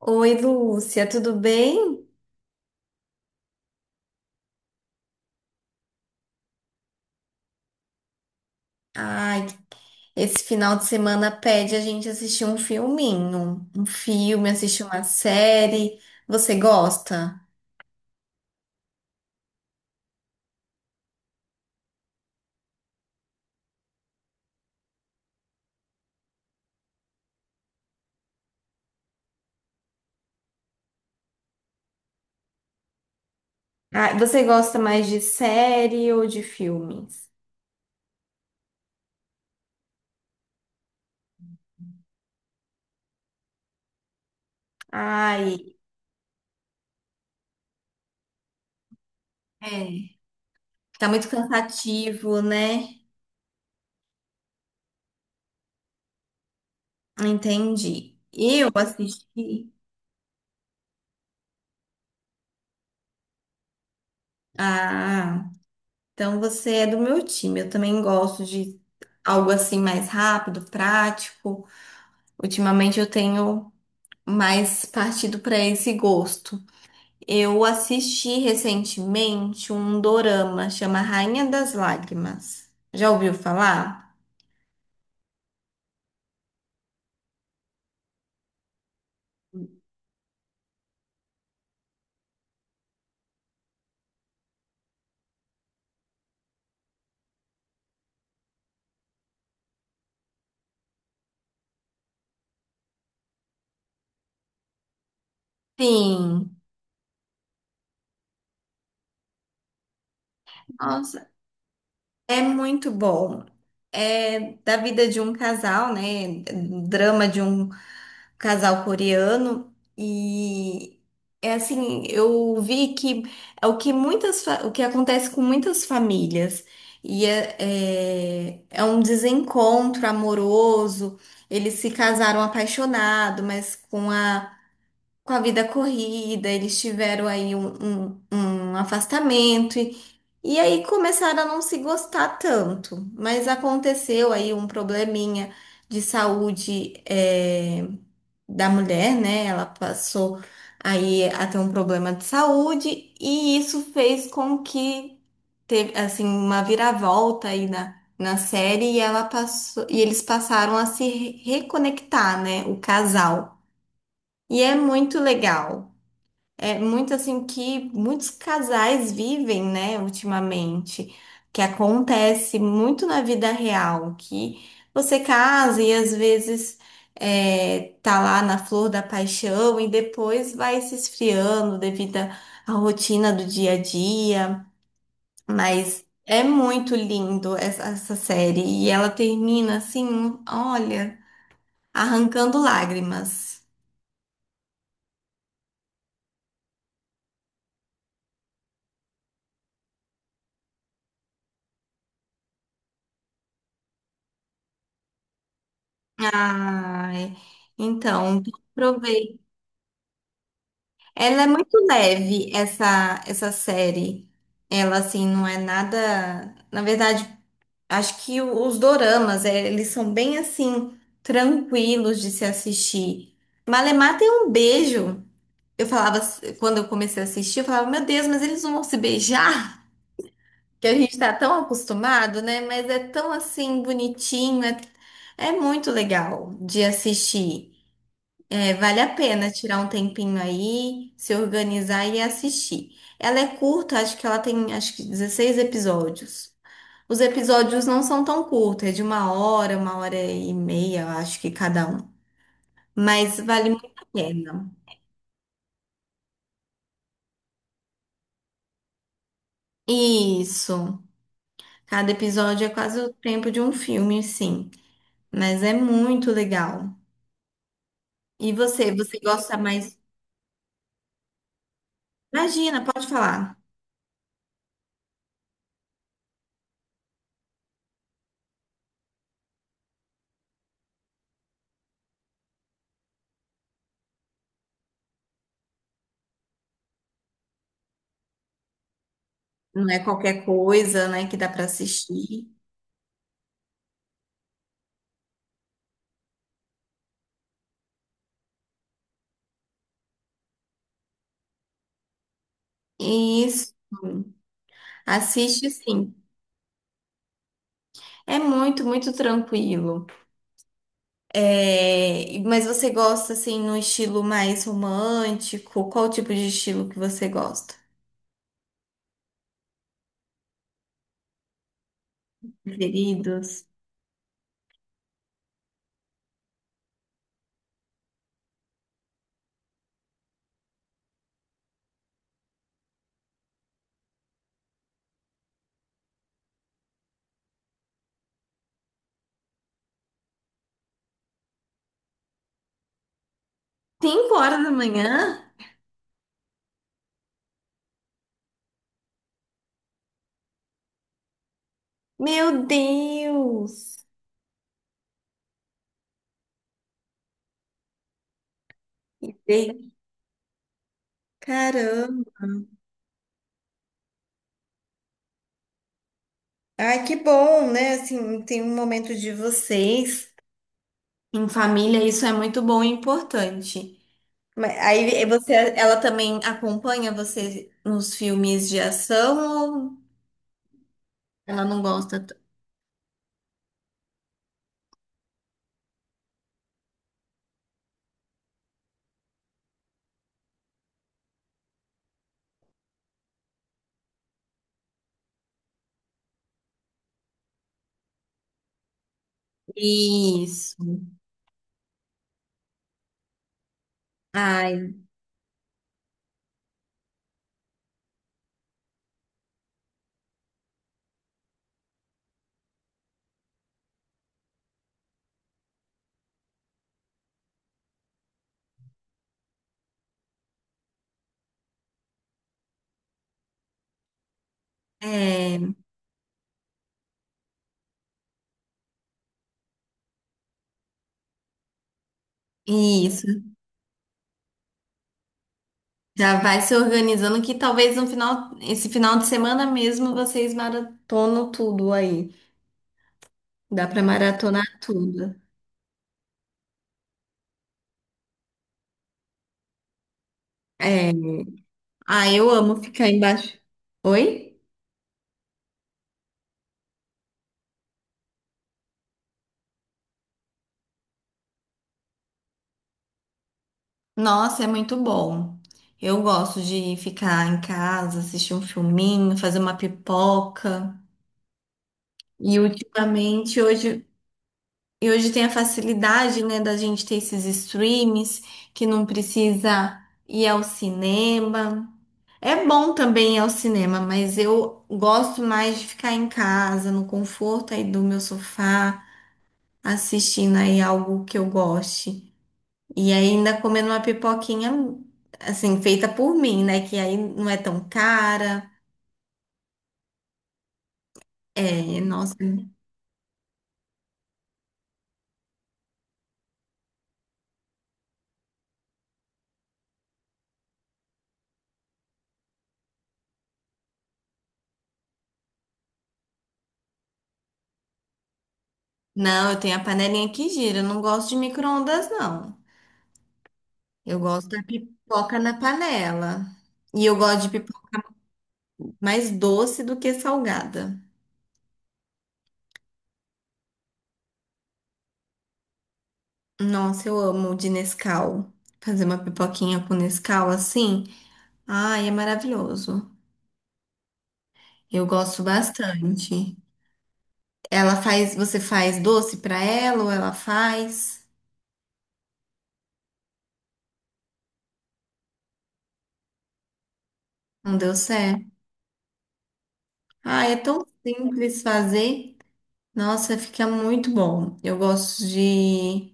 Oi, Lúcia, tudo bem? Ai, esse final de semana pede a gente assistir um filminho, um filme, assistir uma série. Você gosta? Ah, você gosta mais de série ou de filmes? Ai, é, tá muito cansativo, né? Entendi. Eu assisti. Ah, então você é do meu time. Eu também gosto de algo assim mais rápido, prático. Ultimamente eu tenho mais partido para esse gosto. Eu assisti recentemente um dorama, chama Rainha das Lágrimas. Já ouviu falar? Sim. Nossa, é muito bom. É da vida de um casal, né? Drama de um casal coreano e é assim, eu vi que é o que o que acontece com muitas famílias e é um desencontro amoroso. Eles se casaram apaixonado, mas com a vida corrida, eles tiveram aí um afastamento e aí começaram a não se gostar tanto. Mas aconteceu aí um probleminha de saúde da mulher, né? Ela passou aí a ter um problema de saúde e isso fez com que teve assim uma viravolta aí na série e ela passou e eles passaram a se re- reconectar, né? O casal. E é muito legal. É muito assim que muitos casais vivem, né, ultimamente, que acontece muito na vida real, que você casa e às vezes é, tá lá na flor da paixão e depois vai se esfriando devido à rotina do dia a dia, mas é muito lindo essa série e ela termina assim, olha, arrancando lágrimas. Ai, então, aproveita. Ela é muito leve, essa série. Ela, assim, não é nada. Na verdade, acho que os doramas, é, eles são bem, assim, tranquilos de se assistir. Malemar tem um beijo. Eu falava, quando eu comecei a assistir, eu falava, meu Deus, mas eles não vão se beijar? Que a gente tá tão acostumado, né? Mas é tão, assim, bonitinho. É, é muito legal de assistir. É, vale a pena tirar um tempinho aí, se organizar e assistir. Ela é curta, acho que ela tem acho que 16 episódios. Os episódios não são tão curtos, é de uma hora e meia, eu acho que cada um. Mas vale muito a pena. Isso. Cada episódio é quase o tempo de um filme, sim. Mas é muito legal. E você, você gosta mais? Imagina, pode falar. Não é qualquer coisa, né, que dá para assistir. Isso. Assiste sim. É muito, muito tranquilo. É, mas você gosta assim no estilo mais romântico? Qual tipo de estilo que você gosta? Preferidos? Cinco horas da manhã? Meu Deus! E tem- Caramba! Ai, que bom, né? Assim, tem um momento de vocês em família, isso é muito bom e importante. Mas aí você, ela também acompanha você nos filmes de ação ou ela não gosta. Isso. Ai, é, isso. Já vai se organizando que talvez no final, esse final de semana mesmo vocês maratonam tudo aí. Dá pra maratonar tudo. É. Ah, eu amo ficar embaixo. Oi? Nossa, é muito bom. Eu gosto de ficar em casa, assistir um filminho, fazer uma pipoca. E ultimamente, hoje, e hoje tem a facilidade, né, da gente ter esses streams que não precisa ir ao cinema. É bom também ir ao cinema, mas eu gosto mais de ficar em casa, no conforto aí do meu sofá, assistindo aí algo que eu goste. E ainda comendo uma pipoquinha, assim, feita por mim, né? Que aí não é tão cara. É, nossa. Não, eu tenho a panelinha que gira, eu não gosto de micro-ondas, não. Eu gosto da pipoca na panela. E eu gosto de pipoca mais doce do que salgada. Nossa, eu amo de Nescau. Fazer uma pipoquinha com Nescau assim, ai, é maravilhoso. Eu gosto bastante. Ela faz, você faz doce pra ela ou ela faz? Não deu certo. Ah, é tão simples fazer. Nossa, fica muito bom. Eu gosto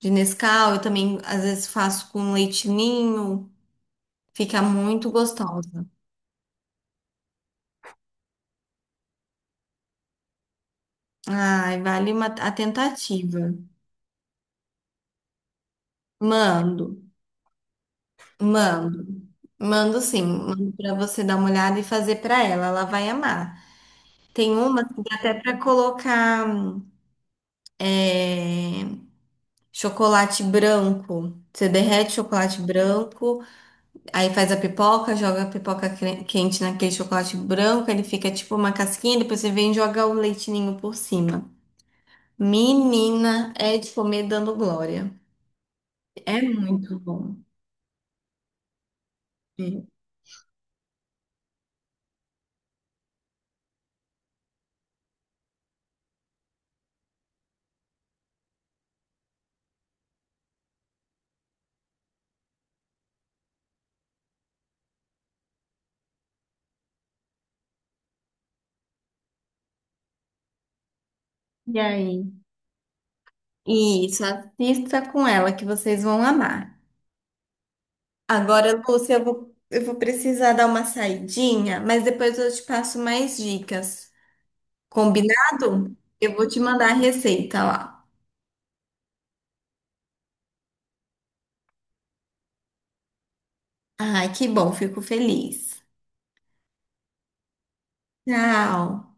de Nescau, eu também às vezes faço com leite ninho. Fica muito gostosa. Ai, vale uma, a tentativa. Mando, mando, mando sim. Mando para você dar uma olhada e fazer para ela. Ela vai amar. Tem uma que dá até para colocar é, chocolate branco. Você derrete chocolate branco, aí faz a pipoca, joga a quente naquele chocolate branco, ele fica tipo uma casquinha, depois você vem e joga o leitinho por cima. Menina, é de comer dando glória. É muito bom. Sim. E aí? Isso, assista com ela que vocês vão amar. Agora, Lúcia, eu vou precisar dar uma saidinha, mas depois eu te passo mais dicas. Combinado? Eu vou te mandar a receita lá. Ai, que bom, fico feliz. Tchau.